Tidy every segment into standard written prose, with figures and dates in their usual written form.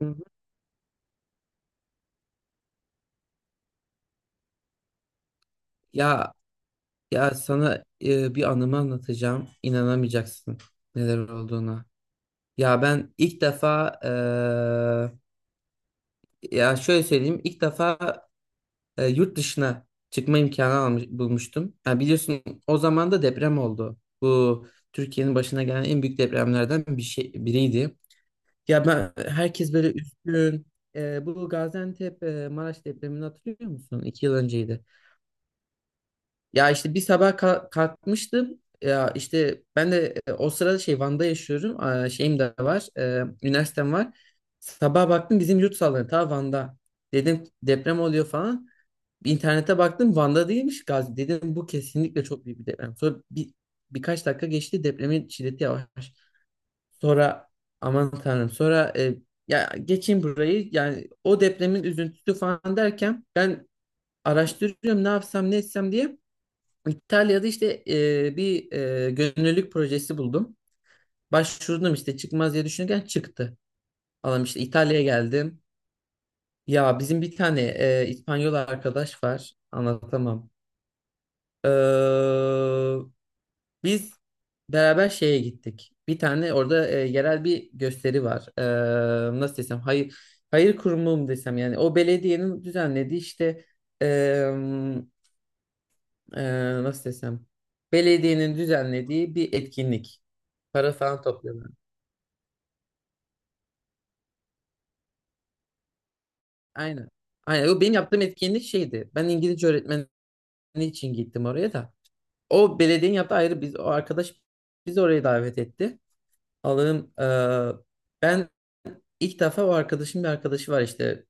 Hı hı. Ya ya sana bir anımı anlatacağım. İnanamayacaksın neler olduğuna. Ya ben ilk defa ya şöyle söyleyeyim. İlk defa yurt dışına çıkma imkanı almış, bulmuştum. Ha, biliyorsun o zaman da deprem oldu. Bu Türkiye'nin başına gelen en büyük depremlerden biriydi. Ya ben herkes böyle üzgün. Bu Gaziantep Maraş depremini hatırlıyor musun? 2 yıl önceydi. Ya işte bir sabah kalkmıştım. Ya işte ben de o sırada şey Van'da yaşıyorum. Aa, şeyim de var. E, üniversitem var. Sabah baktım bizim yurt sallanıyor. Ta Van'da. Dedim deprem oluyor falan. İnternete baktım Van'da değilmiş Gazi. Dedim bu kesinlikle çok büyük bir deprem. Sonra birkaç dakika geçti depremin şiddeti yavaş. Sonra aman tanrım, ya geçeyim burayı, yani o depremin üzüntüsü falan derken ben araştırıyorum ne yapsam ne etsem diye. İtalya'da bir gönüllülük projesi buldum. Başvurdum, işte çıkmaz diye düşünürken çıktı. Allah'ım, işte İtalya'ya geldim. Ya bizim bir tane İspanyol arkadaş var. Anlatamam. Ee, Biz beraber şeye gittik. Bir tane orada yerel bir gösteri var. Nasıl desem, hayır hayır kurumu mu desem, yani o belediyenin düzenlediği işte, e, nasıl desem, belediyenin düzenlediği bir etkinlik. Para falan topluyorlar. Aynen. Aynen. O benim yaptığım etkinlik şeydi. Ben İngilizce öğretmeni için gittim oraya da. O belediyenin yaptığı ayrı, biz o arkadaş bizi oraya davet etti. Alırım. Ben ilk defa o arkadaşım, bir arkadaşı var işte.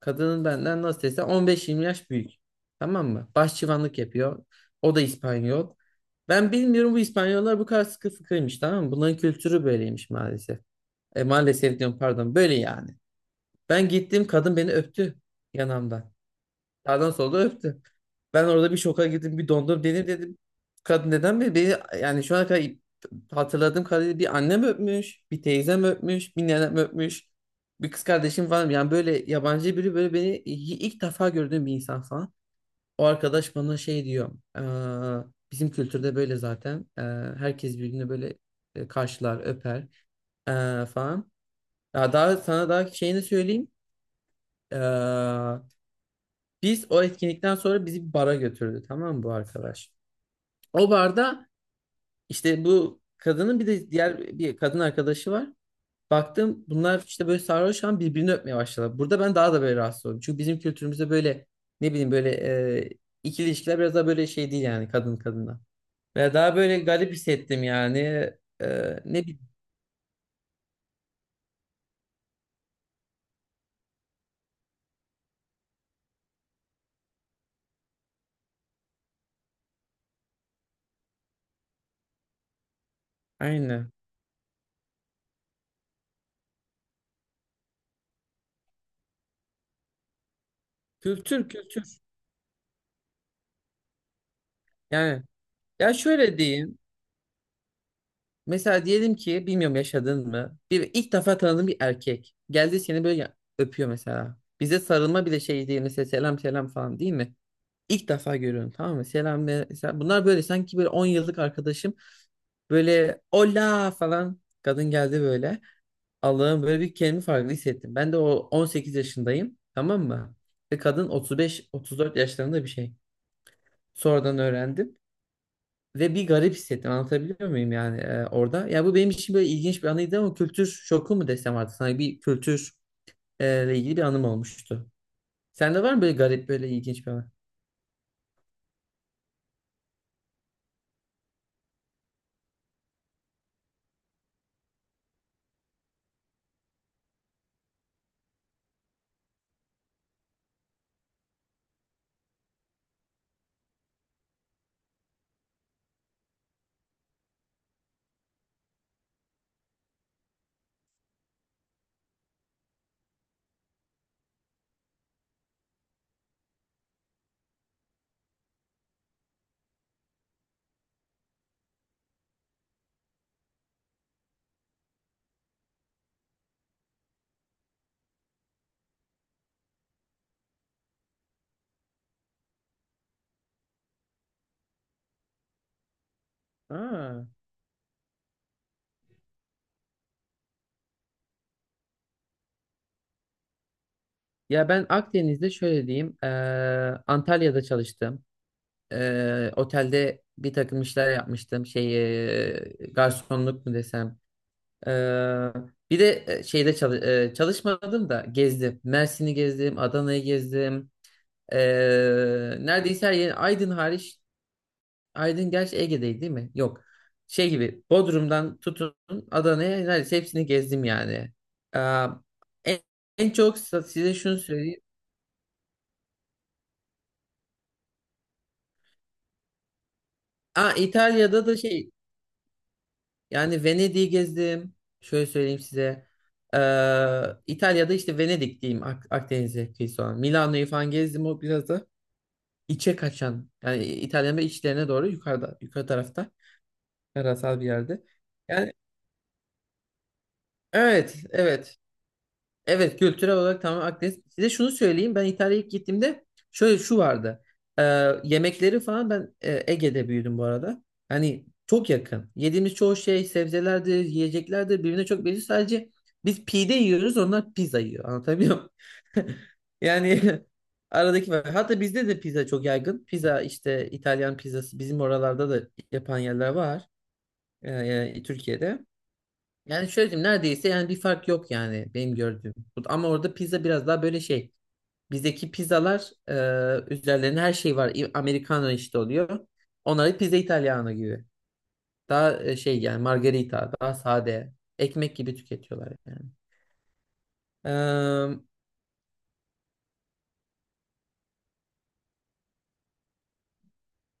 Kadının benden nasıl desem 15-20 yaş büyük. Tamam mı? Başçıvanlık yapıyor. O da İspanyol. Ben bilmiyorum, bu İspanyollar bu kadar sıkı fıkıymış, tamam mı? Bunların kültürü böyleymiş maalesef. E, maalesef diyorum pardon. Böyle yani. Ben gittim, kadın beni öptü yanamdan. Sağdan solda öptü. Ben orada bir şoka girdim, bir dondum. Beni, dedim, kadın neden beni yani şu ana kadar hatırladığım kadarıyla bir annem öpmüş, bir teyzem öpmüş, bir nenem öpmüş, bir kız kardeşim falan. Yani böyle yabancı biri, böyle beni ilk defa gördüğüm bir insan falan. O arkadaş bana şey diyor, "Aa, bizim kültürde böyle zaten. Herkes birbirini böyle karşılar, öper falan." Ya daha sana daha şeyini söyleyeyim. Ee, Biz o etkinlikten sonra bizi bir bara götürdü, tamam mı bu arkadaş? O barda işte bu kadının bir de diğer bir kadın arkadaşı var. Baktım bunlar işte böyle sarhoş an birbirini öpmeye başladılar. Burada ben daha da böyle rahatsız oldum. Çünkü bizim kültürümüzde böyle, ne bileyim, böyle, e, ikili ilişkiler biraz daha böyle şey değil, yani kadın kadına. Ve daha böyle garip hissettim yani. E, ne bileyim. Aynen. Kültür kültür. Yani ya şöyle diyeyim. Mesela diyelim ki, bilmiyorum yaşadın mı? Bir ilk defa tanıdığın bir erkek geldi seni böyle öpüyor mesela. Bize sarılma bile şey değil mesela, selam selam falan değil mi? İlk defa görüyorum, tamam mı? Mesela bunlar böyle sanki böyle 10 yıllık arkadaşım böyle ola falan, kadın geldi böyle. Allah'ım böyle, bir kendimi farklı hissettim. Ben de o 18 yaşındayım, tamam mı? Ve kadın 35 34 yaşlarında bir şey. Sonradan öğrendim. Ve bir garip hissettim, anlatabiliyor muyum yani orada. Ya bu benim için böyle ilginç bir anıydı ama kültür şoku mu desem artık sana, bir kültür ile ilgili bir anım olmuştu. Sende var mı böyle garip, böyle ilginç bir anı? Ha. Ya ben Akdeniz'de şöyle diyeyim, Antalya'da çalıştım. E, otelde bir takım işler yapmıştım, şey, e, garsonluk mu desem. E, bir de çalışmadım da gezdim. Mersin'i gezdim, Adana'yı gezdim. Neredeyse her yer, Aydın hariç. Aydın gerçi Ege'deydi değil mi? Yok. Şey gibi, Bodrum'dan tutun Adana'ya neredeyse hepsini gezdim yani. Aa, en, en çok size şunu söyleyeyim. Aa, İtalya'da da şey, yani Venedik'i gezdim. Şöyle söyleyeyim size. Ee, İtalya'da işte Venedik diyeyim, Akdeniz'e kıyısı olan. Milano'yu falan gezdim, o biraz da içe kaçan. Yani İtalya'nın böyle içlerine doğru, yukarı tarafta karasal bir yerde. Yani evet, evet. Evet, kültürel olarak tamamen Akdeniz. Size şunu söyleyeyim. Ben İtalya'ya ilk gittiğimde şöyle şu vardı. Ee, Yemekleri falan, ben Ege'de büyüdüm bu arada. Hani çok yakın. Yediğimiz çoğu şey sebzelerdir, yiyeceklerdir. Birbirine çok benziyor. Sadece biz pide yiyoruz, onlar pizza yiyor. Anlatabiliyor muyum? Yani aradaki var. Hatta bizde de pizza çok yaygın. Pizza işte, İtalyan pizzası, bizim oralarda da yapan yerler var. Yani Türkiye'de. Yani şöyle diyeyim, neredeyse yani bir fark yok, yani benim gördüğüm. Ama orada pizza biraz daha böyle şey. Bizdeki pizzalar, üzerlerine her şey var. Americano işte oluyor. Onları pizza italiano gibi. Daha şey, yani margarita daha sade. Ekmek gibi tüketiyorlar yani. Eee,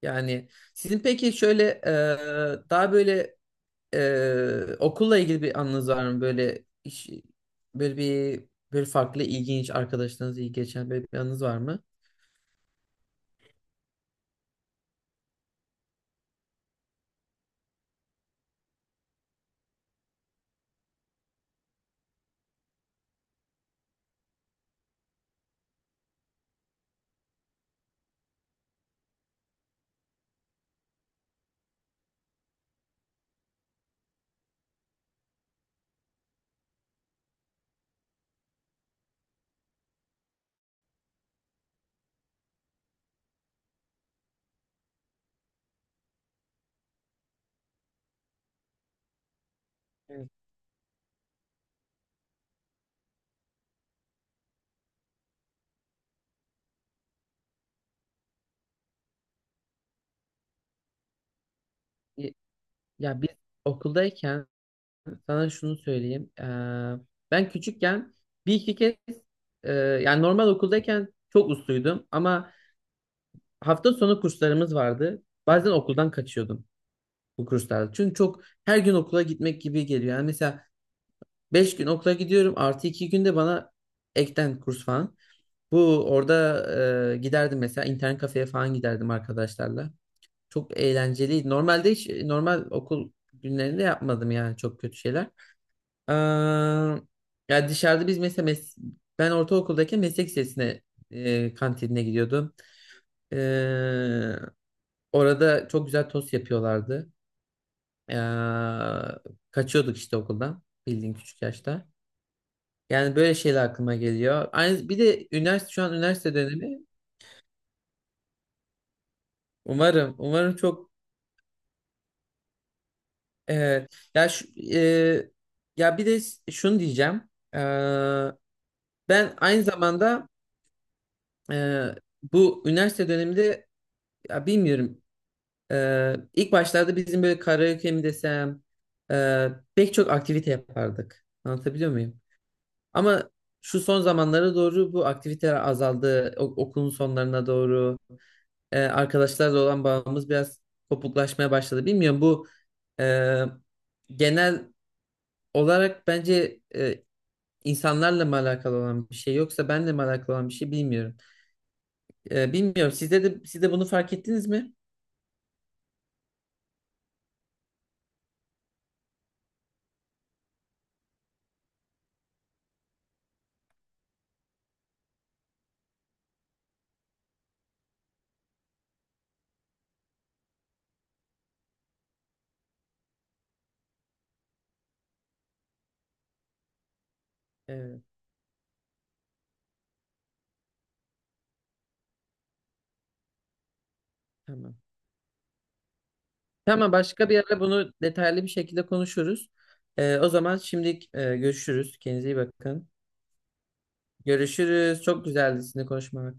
Yani sizin peki şöyle, daha böyle okulla ilgili bir anınız var mı? Böyle iş, böyle bir, böyle farklı ilginç arkadaşlarınız, iyi geçen böyle bir anınız var mı? Evet. Y- Ya biz okuldayken sana şunu söyleyeyim. Ben küçükken 1 2 kez yani normal okuldayken çok usluydum ama hafta sonu kurslarımız vardı. Bazen okuldan kaçıyordum. Bu kurslarda. Çünkü çok, her gün okula gitmek gibi geliyor. Yani mesela 5 gün okula gidiyorum, artı 2 günde bana ekten kurs falan. Bu orada giderdim mesela, internet kafeye falan giderdim arkadaşlarla. Çok eğlenceliydi. Normalde hiç normal okul günlerinde yapmadım yani çok kötü şeyler. Aa, ya dışarıda biz mesela, ben ortaokuldayken meslek lisesine kantinine gidiyordum. Ee, Orada çok güzel tost yapıyorlardı. Ee, Kaçıyorduk işte okuldan, bildiğin küçük yaşta. Yani böyle şeyler aklıma geliyor. Aynı bir de üniversite, şu an üniversite dönemi. Umarım umarım çok, e, ya şu, e, ya bir de şunu diyeceğim. Ben aynı zamanda e, bu üniversite döneminde, ya bilmiyorum, ilk başlarda bizim böyle karaoke mi desem, e, pek çok aktivite yapardık. Anlatabiliyor muyum? Ama şu son zamanlara doğru bu aktiviteler azaldı. Okulun sonlarına doğru arkadaşlarla olan bağımız biraz kopuklaşmaya başladı. Bilmiyorum bu e, genel olarak, bence insanlarla mı alakalı olan bir şey yoksa benle mi alakalı olan bir şey bilmiyorum. Bilmiyorum. Siz de bunu fark ettiniz mi? Evet, tamam. Tamam, başka bir ara bunu detaylı bir şekilde konuşuruz. O zaman şimdilik görüşürüz. Kendinize iyi bakın. Görüşürüz. Çok güzeldi sizinle konuşmak.